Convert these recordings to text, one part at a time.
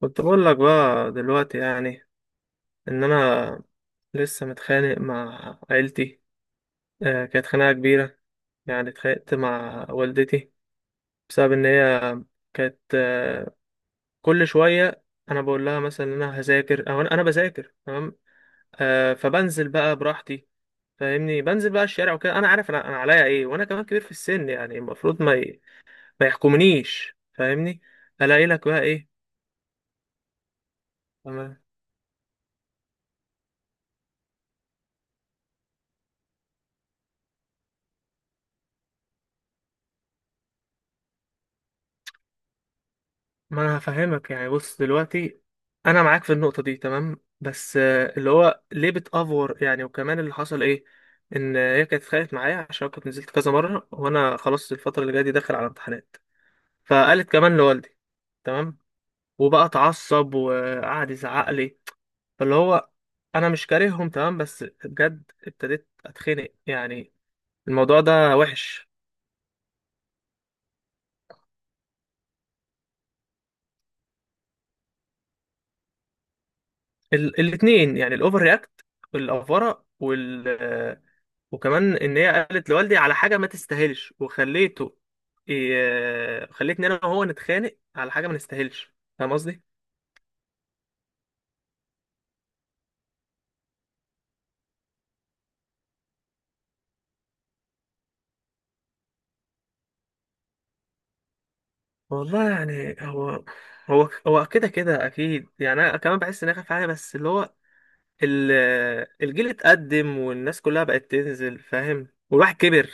كنت بقول لك بقى دلوقتي، يعني ان انا لسه متخانق مع عيلتي. كانت خناقه كبيره، يعني اتخانقت مع والدتي بسبب ان هي كانت كل شويه، انا بقول لها مثلا ان انا هذاكر او انا بذاكر. تمام. فبنزل بقى براحتي، فاهمني، بنزل بقى الشارع وكده. انا عارف انا عليا ايه، وانا كمان كبير في السن، يعني المفروض ما يحكمنيش، فاهمني. الاقي لك بقى ايه؟ ما انا هفهمك، يعني بص دلوقتي، انا معاك في النقطه دي، تمام، بس اللي هو ليه بتافور يعني. وكمان اللي حصل ايه؟ ان هي كانت اتخانقت معايا عشان كنت نزلت كذا مره، وانا خلاص الفتره اللي جايه دي داخل على امتحانات. فقالت كمان لوالدي. تمام. وبقى اتعصب وقعد يزعق لي. فاللي هو، انا مش كارههم، تمام، بس بجد ابتديت اتخنق يعني. الموضوع ده وحش. الاتنين يعني، الاوفر رياكت والافوره. وكمان ان هي قالت لوالدي على حاجه ما تستاهلش. خليتني انا وهو نتخانق على حاجه ما نستاهلش. فاهم قصدي؟ والله يعني هو كده كده اكيد. يعني انا كمان بحس ان انا خايف عليه، بس اللي هو ال- الجيل اتقدم والناس كلها بقت تنزل، فاهم، والواحد كبر.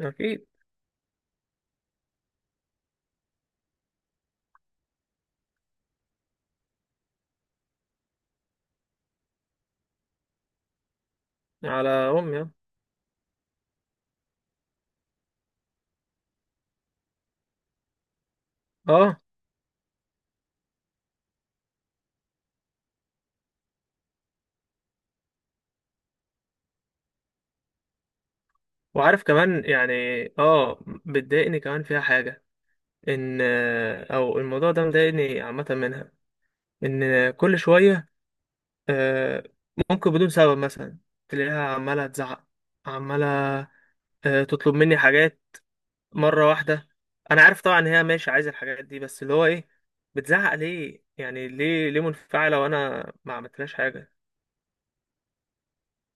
اكيد. على امي، اه. آه. وعارف كمان يعني، اه بتضايقني كمان فيها حاجه. ان او الموضوع ده مضايقني عامه منها، ان كل شويه آه، ممكن بدون سبب مثلا تلاقيها عمالة تزعق، عمالة تطلب مني حاجات مرة واحدة. أنا عارف طبعا إن هي ماشي عايزة الحاجات دي، بس اللي هو إيه؟ بتزعق ليه؟ يعني ليه منفعلة وأنا ما عملتلهاش حاجة؟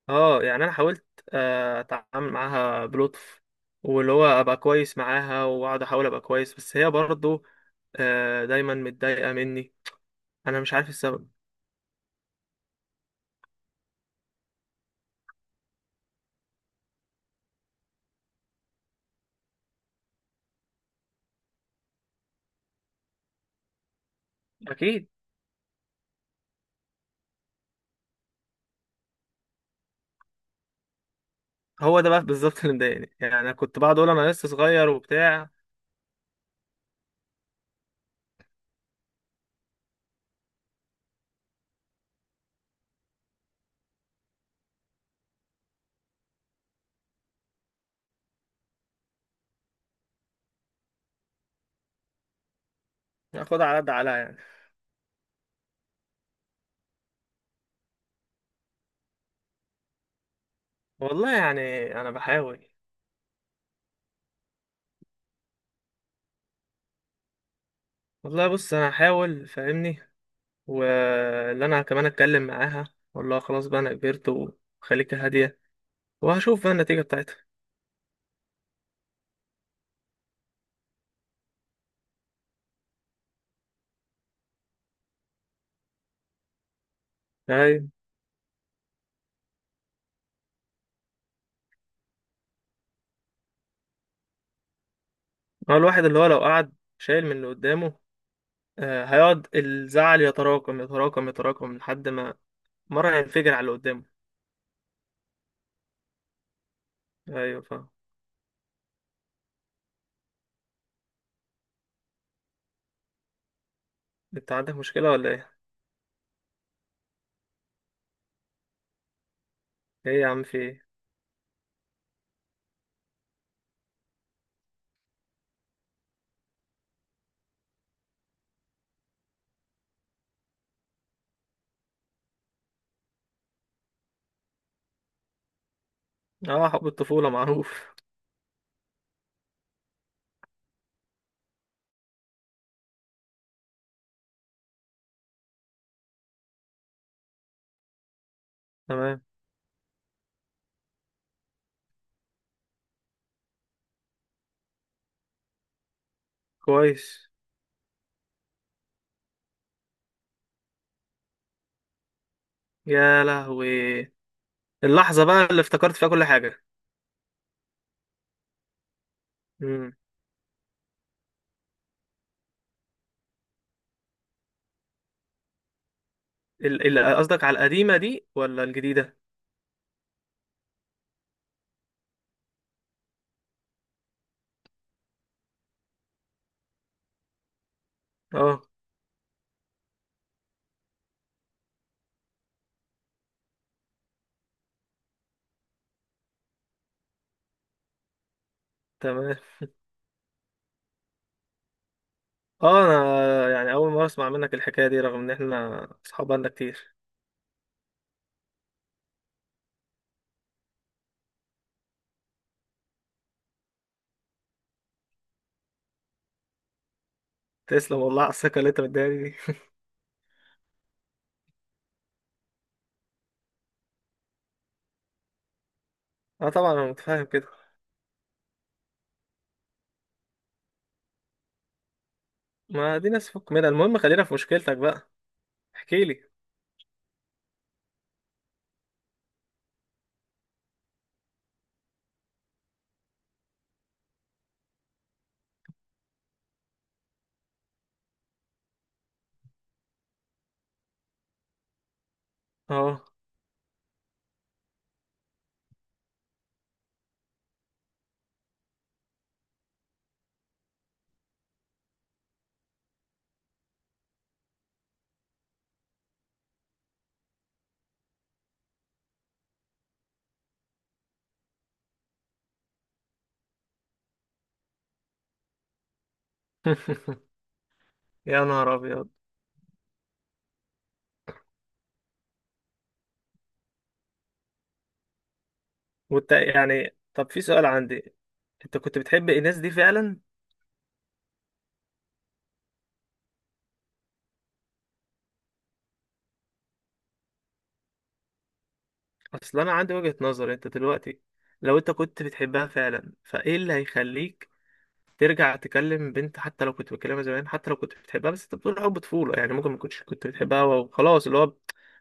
أه، يعني أنا حاولت أتعامل معاها بلطف. واللي هو أبقى كويس معاها، وأقعد أحاول أبقى كويس، بس هي برضه دايما متضايقة مني. أنا مش عارف السبب. أكيد. هو ده بقى بالظبط اللي مضايقني، يعني انا كنت بقعد اقول انا لسه صغير وبتاع. ناخدها على قد عقلها يعني. والله يعني انا بحاول. والله بص انا هحاول، فاهمني. واللي انا كمان اتكلم معاها، اقول لها خلاص بقى انا كبرت، وخليك هاديه، وهشوف بقى النتيجه بتاعتها. يعني هو الواحد اللي هو لو قعد شايل من اللي قدامه، هيقعد الزعل يتراكم يتراكم يتراكم لحد ما مره هينفجر على اللي قدامه. ايوه، فاهم. انت عندك مشكله ولا ايه؟ ايه يا عم، في ايه؟ اه، حب الطفوله معروف. تمام. كويس. يا لهوي. اللحظة بقى اللي افتكرت فيها كل حاجة. امم قصدك على القديمة دي ولا الجديدة؟ اه. تمام. اه، انا يعني اول مرة اسمع منك الحكاية دي، رغم ان احنا اصحاب بقالنا كتير. تسلم والله على الثقة اللي انت مديها لي دي. اه، طبعا انا متفاهم كده. ما دي ناس فك منها. المهم خلينا في مشكلتك بقى. احكي لي. اه. يا نهار ابيض. وانت يعني، طب في سؤال عندي. انت كنت بتحب الناس دي فعلا؟ اصل انا عندي وجهة نظر. انت دلوقتي، لو انت كنت بتحبها فعلا، فايه اللي هيخليك ترجع تكلم بنت؟ حتى لو كنت بتكلمها زمان، حتى لو كنت بتحبها، بس انت بتقول حب طفولة، يعني ممكن ما كنتش كنت بتحبها وخلاص. اللي هو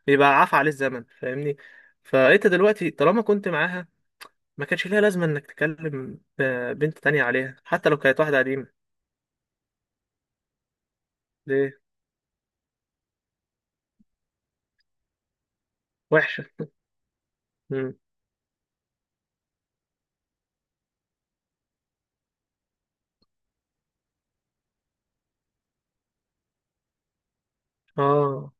بيبقى عفى عليه الزمن، فاهمني. فانت دلوقتي طالما كنت معاها، ما كانش ليها لازمة انك تكلم بنت تانية عليها، حتى لو كانت واحدة قديمة. ليه؟ وحشة. مم. اه،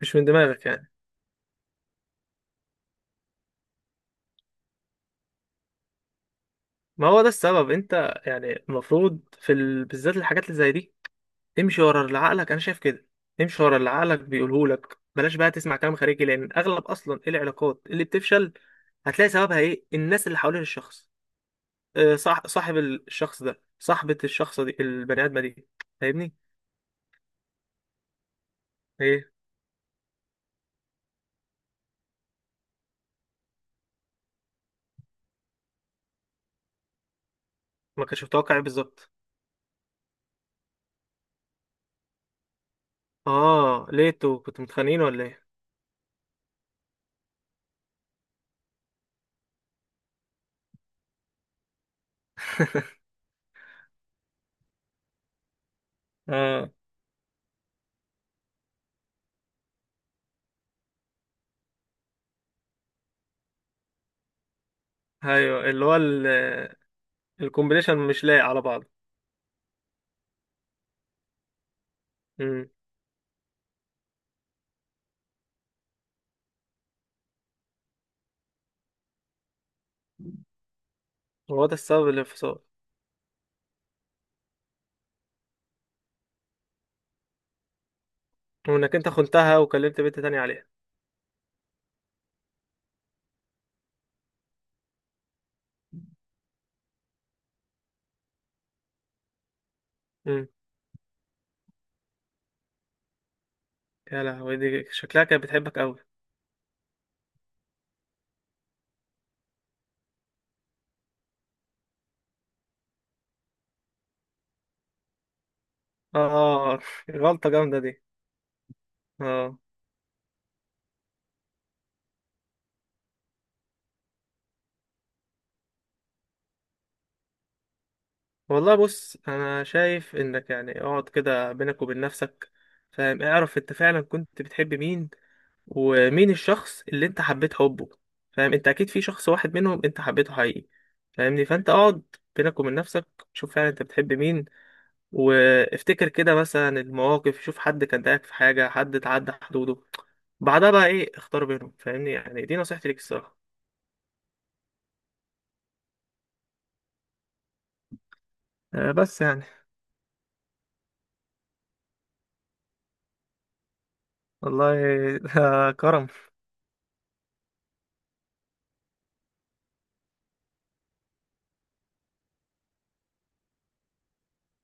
مش من دماغك يعني؟ ما هو ده السبب. انت يعني المفروض في بالذات الحاجات اللي زي دي، امشي ورا اللي عقلك، انا شايف كده. امشي ورا اللي عقلك بيقوله لك، بلاش بقى تسمع كلام خارجي، لان اغلب اصلا العلاقات اللي بتفشل، هتلاقي سببها ايه؟ الناس اللي حوالين الشخص. صح. صاحب الشخص ده، صاحبة الشخص دي، البني ادمة دي، فاهمني. ايه؟ ما كانش متوقع ايه بالظبط؟ اه، ليتو كنتوا متخانقين ولا ايه؟ اه، ايوه، اللي هو الكومبينيشن مش لايق على بعض. امم هو ده السبب الانفصال؟ وانك انت خنتها وكلمت بنت تانية عليها. امم. يا لهوي، دي شكلها كانت بتحبك قوي. اه، غلطة جامدة دي. اه. والله بص، انا شايف انك يعني اقعد كده بينك وبين نفسك، فاهم، اعرف انت فعلا كنت بتحب مين، ومين الشخص اللي انت حبيت حبه. فاهم، انت اكيد في شخص واحد منهم انت حبيته حقيقي، فاهمني. فانت اقعد بينك وبين نفسك، شوف فعلا انت بتحب مين، وافتكر كده مثلا المواقف، شوف حد كان ضايقك في حاجة، حد اتعدى حدوده. بعدها بقى ايه؟ اختار بينهم، فاهمني، يعني دي نصيحتي ليك الصراحة. بس يعني والله. ده كرم.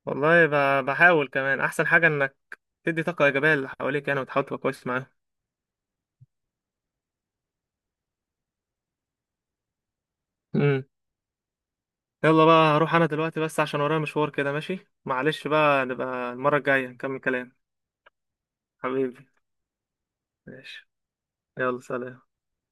والله بحاول. كمان احسن حاجه انك تدي طاقه ايجابيه للي حواليك، يعني وتحاول تبقى كويس معاهم. امم. يلا بقى هروح انا دلوقتي، بس عشان ورايا مشوار كده. ماشي، معلش، بقى نبقى المره الجايه نكمل كلام. حبيبي. ماشي. يلا سلام.